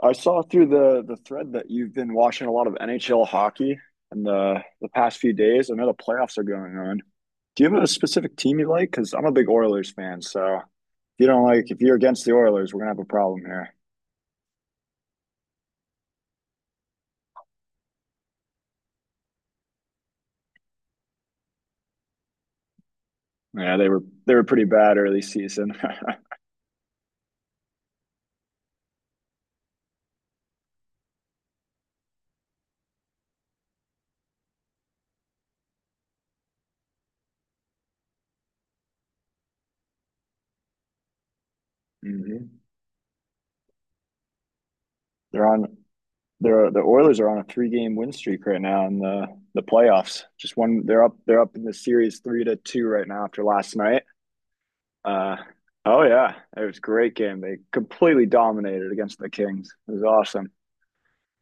I saw through the thread that you've been watching a lot of NHL hockey in the past few days. I know the playoffs are going on. Do you have a specific team you like? Because I'm a big Oilers fan, so if you're against the Oilers, we're gonna have a problem here. Yeah, they were pretty bad early season. Hmm. They're on, they're the Oilers are on a three game win streak right now in the playoffs. Just one They're up, in the series three to two right now after last night. Uh, oh yeah, it was a great game. They completely dominated against the Kings. It was awesome.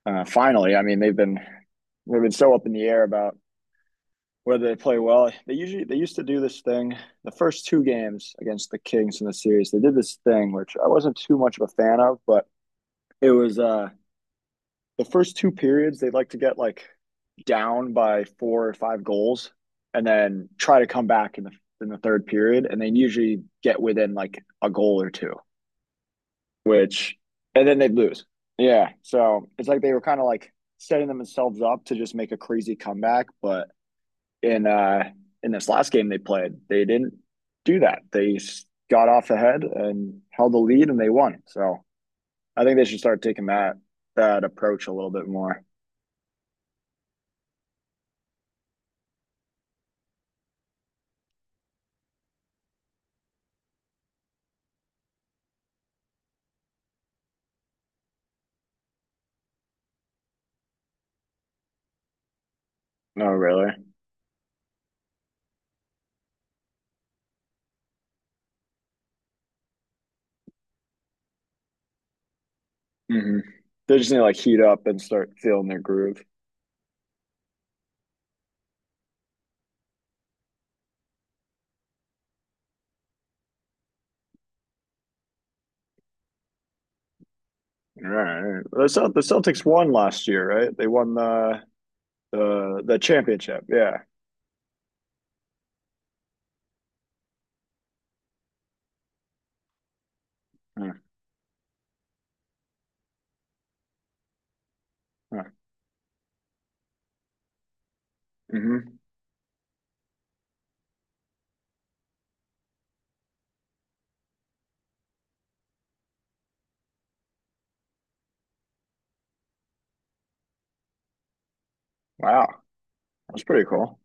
Finally, I mean, they've been so up in the air about whether they play well. They used to do this thing. The first two games against the Kings in the series, they did this thing which I wasn't too much of a fan of, but it was the first two periods they'd like to get like down by four or five goals, and then try to come back in the third period, and they usually get within like a goal or two. Which And then they'd lose. Yeah, so it's like they were kind of like setting themselves up to just make a crazy comeback, but in uh in this last game they played, they didn't do that. They got off ahead and held the lead and they won. So I think they should start taking that approach a little bit more. No, really. Hmm. They just need to like heat up and start feeling their groove. All right. The Celtics won last year, right? They won the the championship. Yeah. Mm-hmm. Wow, that's pretty cool.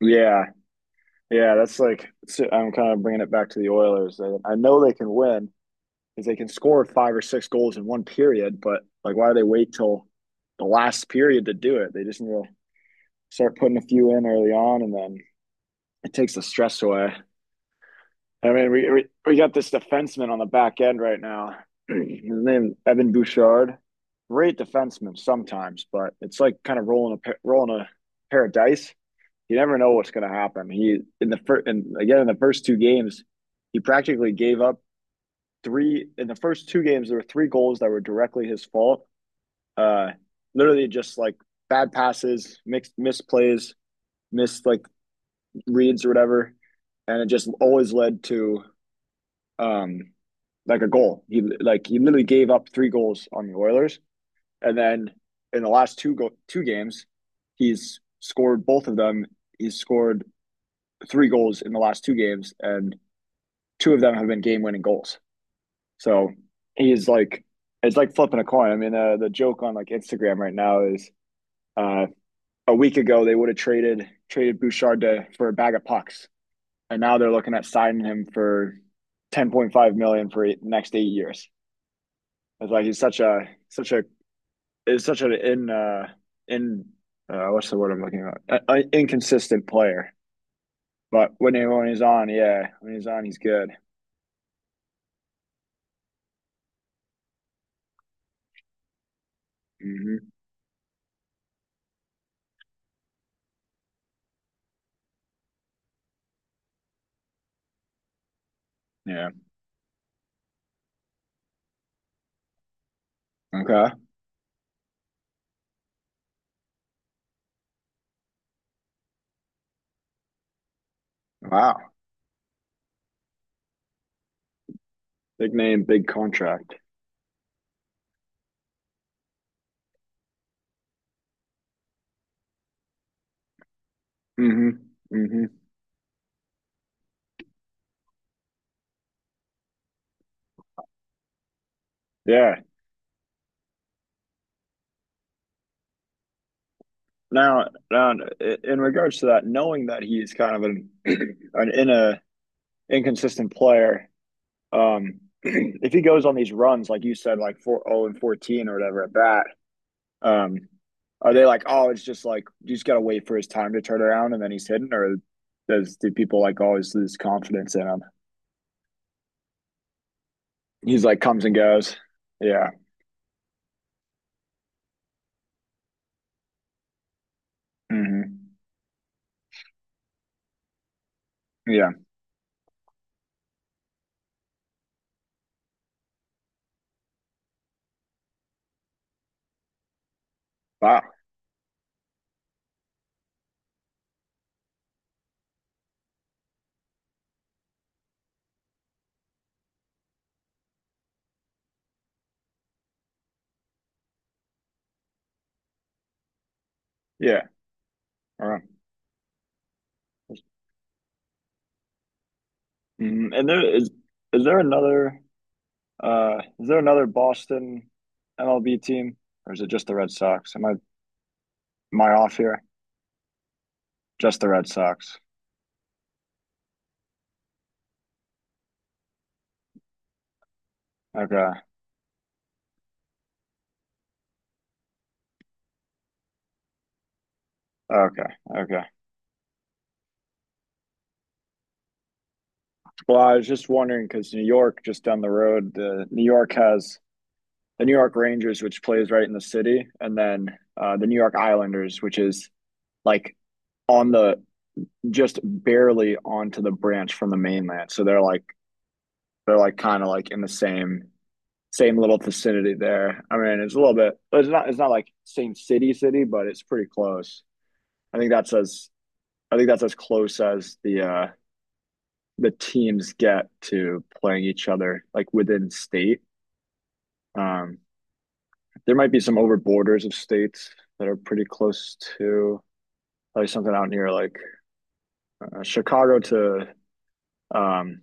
Yeah, yeah, that's like, so I'm kind of bringing it back to the Oilers. I know they can win because they can score five or six goals in one period, but like, why do they wait till the last period to do it? They just need to start putting a few in early on, and then it takes the stress away. I mean, we got this defenseman on the back end right now. His name Evan Bouchard, great defenseman sometimes, but it's like kind of rolling a pair of dice, you never know what's going to happen. He in the first and again in the first two games, he practically gave up three in the first two games. There were three goals that were directly his fault. Uh, Literally just like bad passes, mixed misplays, missed like reads or whatever, and it just always led to um like a goal. He literally gave up three goals on the Oilers, and then in the last two games, he's scored both of them. He's scored three goals in the last two games, and two of them have been game-winning goals. So he's like, it's like flipping a coin. I mean, the joke on like Instagram right now is uh, a week ago they would have traded Bouchard to, for a bag of pucks, and now they're looking at signing him for ten point five million dollars for the next 8 years. It's like he's such a is such an in what's the word I'm looking at? A inconsistent player. But when he's on, yeah, when he's on, he's good. Mm-hmm. Yeah. Okay. Wow. Big name, big contract. Hmm. Hmm. Yeah. Now, now, in regards to that, knowing that he's kind of an an in a inconsistent player, if he goes on these runs, like you said, like four oh and 14 or whatever at bat, um, are they like, oh, it's just like you just gotta wait for his time to turn around and then he's hidden, or does do people like always lose confidence in him? He's like, comes and goes. Yeah. Hmm. Yeah. Wow. Yeah. All right. Mhm. And there is there another is there another Boston MLB team or is it just the Red Sox? Am I off here? Just the Red Sox. Okay. Okay. Okay. Well, I was just wondering because New York, just down the road, the New York has the New York Rangers, which plays right in the city, and then the New York Islanders, which is like on the, just barely onto the branch from the mainland. So they're like kind of like in the same little vicinity there. I mean, it's a little bit. It's not. It's not like same city, city, but it's pretty close. I think that's as. I think that's as close as the teams get to playing each other, like within state. Um, there might be some over borders of states that are pretty close to like something out near like Chicago to um,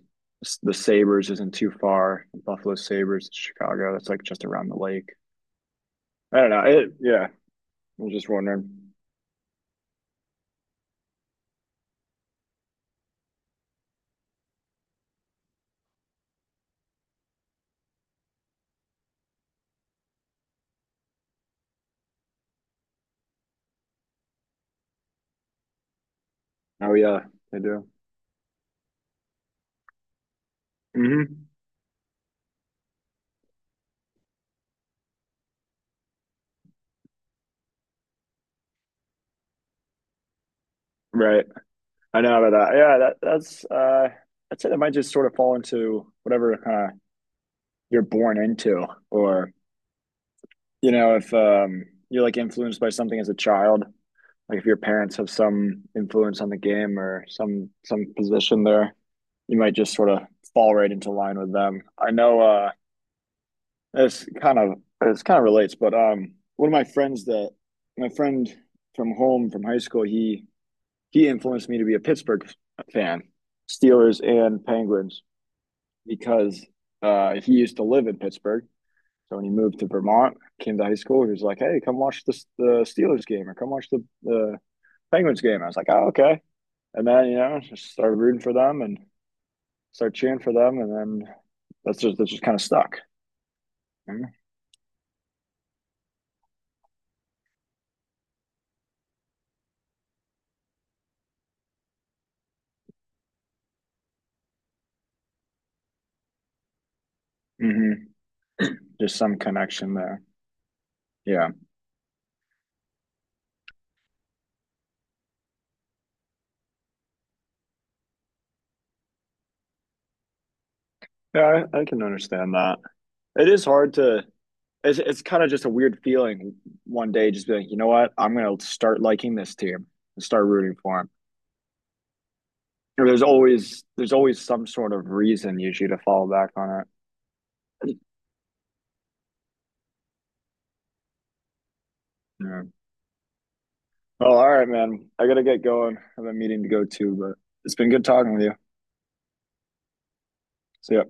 the Sabers isn't too far. Buffalo Sabers, Chicago. That's like just around the lake. I don't know. It, yeah, I was just wondering. Oh yeah, they do. Hmm. Right. I know about that. Yeah, that that's uh, I'd say that might just sort of fall into whatever kind of you're born into, or you know, if you're like influenced by something as a child, like if your parents have some influence on the game or some position there, you might just sort of fall right into line with them. I know uh, this kind of this kind of relates, but um, one of my friends that my friend from home from high school, he influenced me to be a Pittsburgh fan, Steelers and Penguins, because he used to live in Pittsburgh. So when he moved to Vermont, came to high school, he was like, "Hey, come watch this, the Steelers game, or come watch the Penguins game." I was like, "Oh, okay." And then, you know, just started rooting for them and start cheering for them, and then that's just kind of stuck. Mm-hmm. Mm-hmm. Just some connection there. Yeah, yeah, I can understand that. It is hard to. It's kind of just a weird feeling one day, just being, you know what, I'm gonna start liking this team and start rooting for them. You know, there's always some sort of reason usually to fall back on it. Yeah. Well, all right, man. I gotta get going. I have a meeting to go to, but it's been good talking with you. See ya.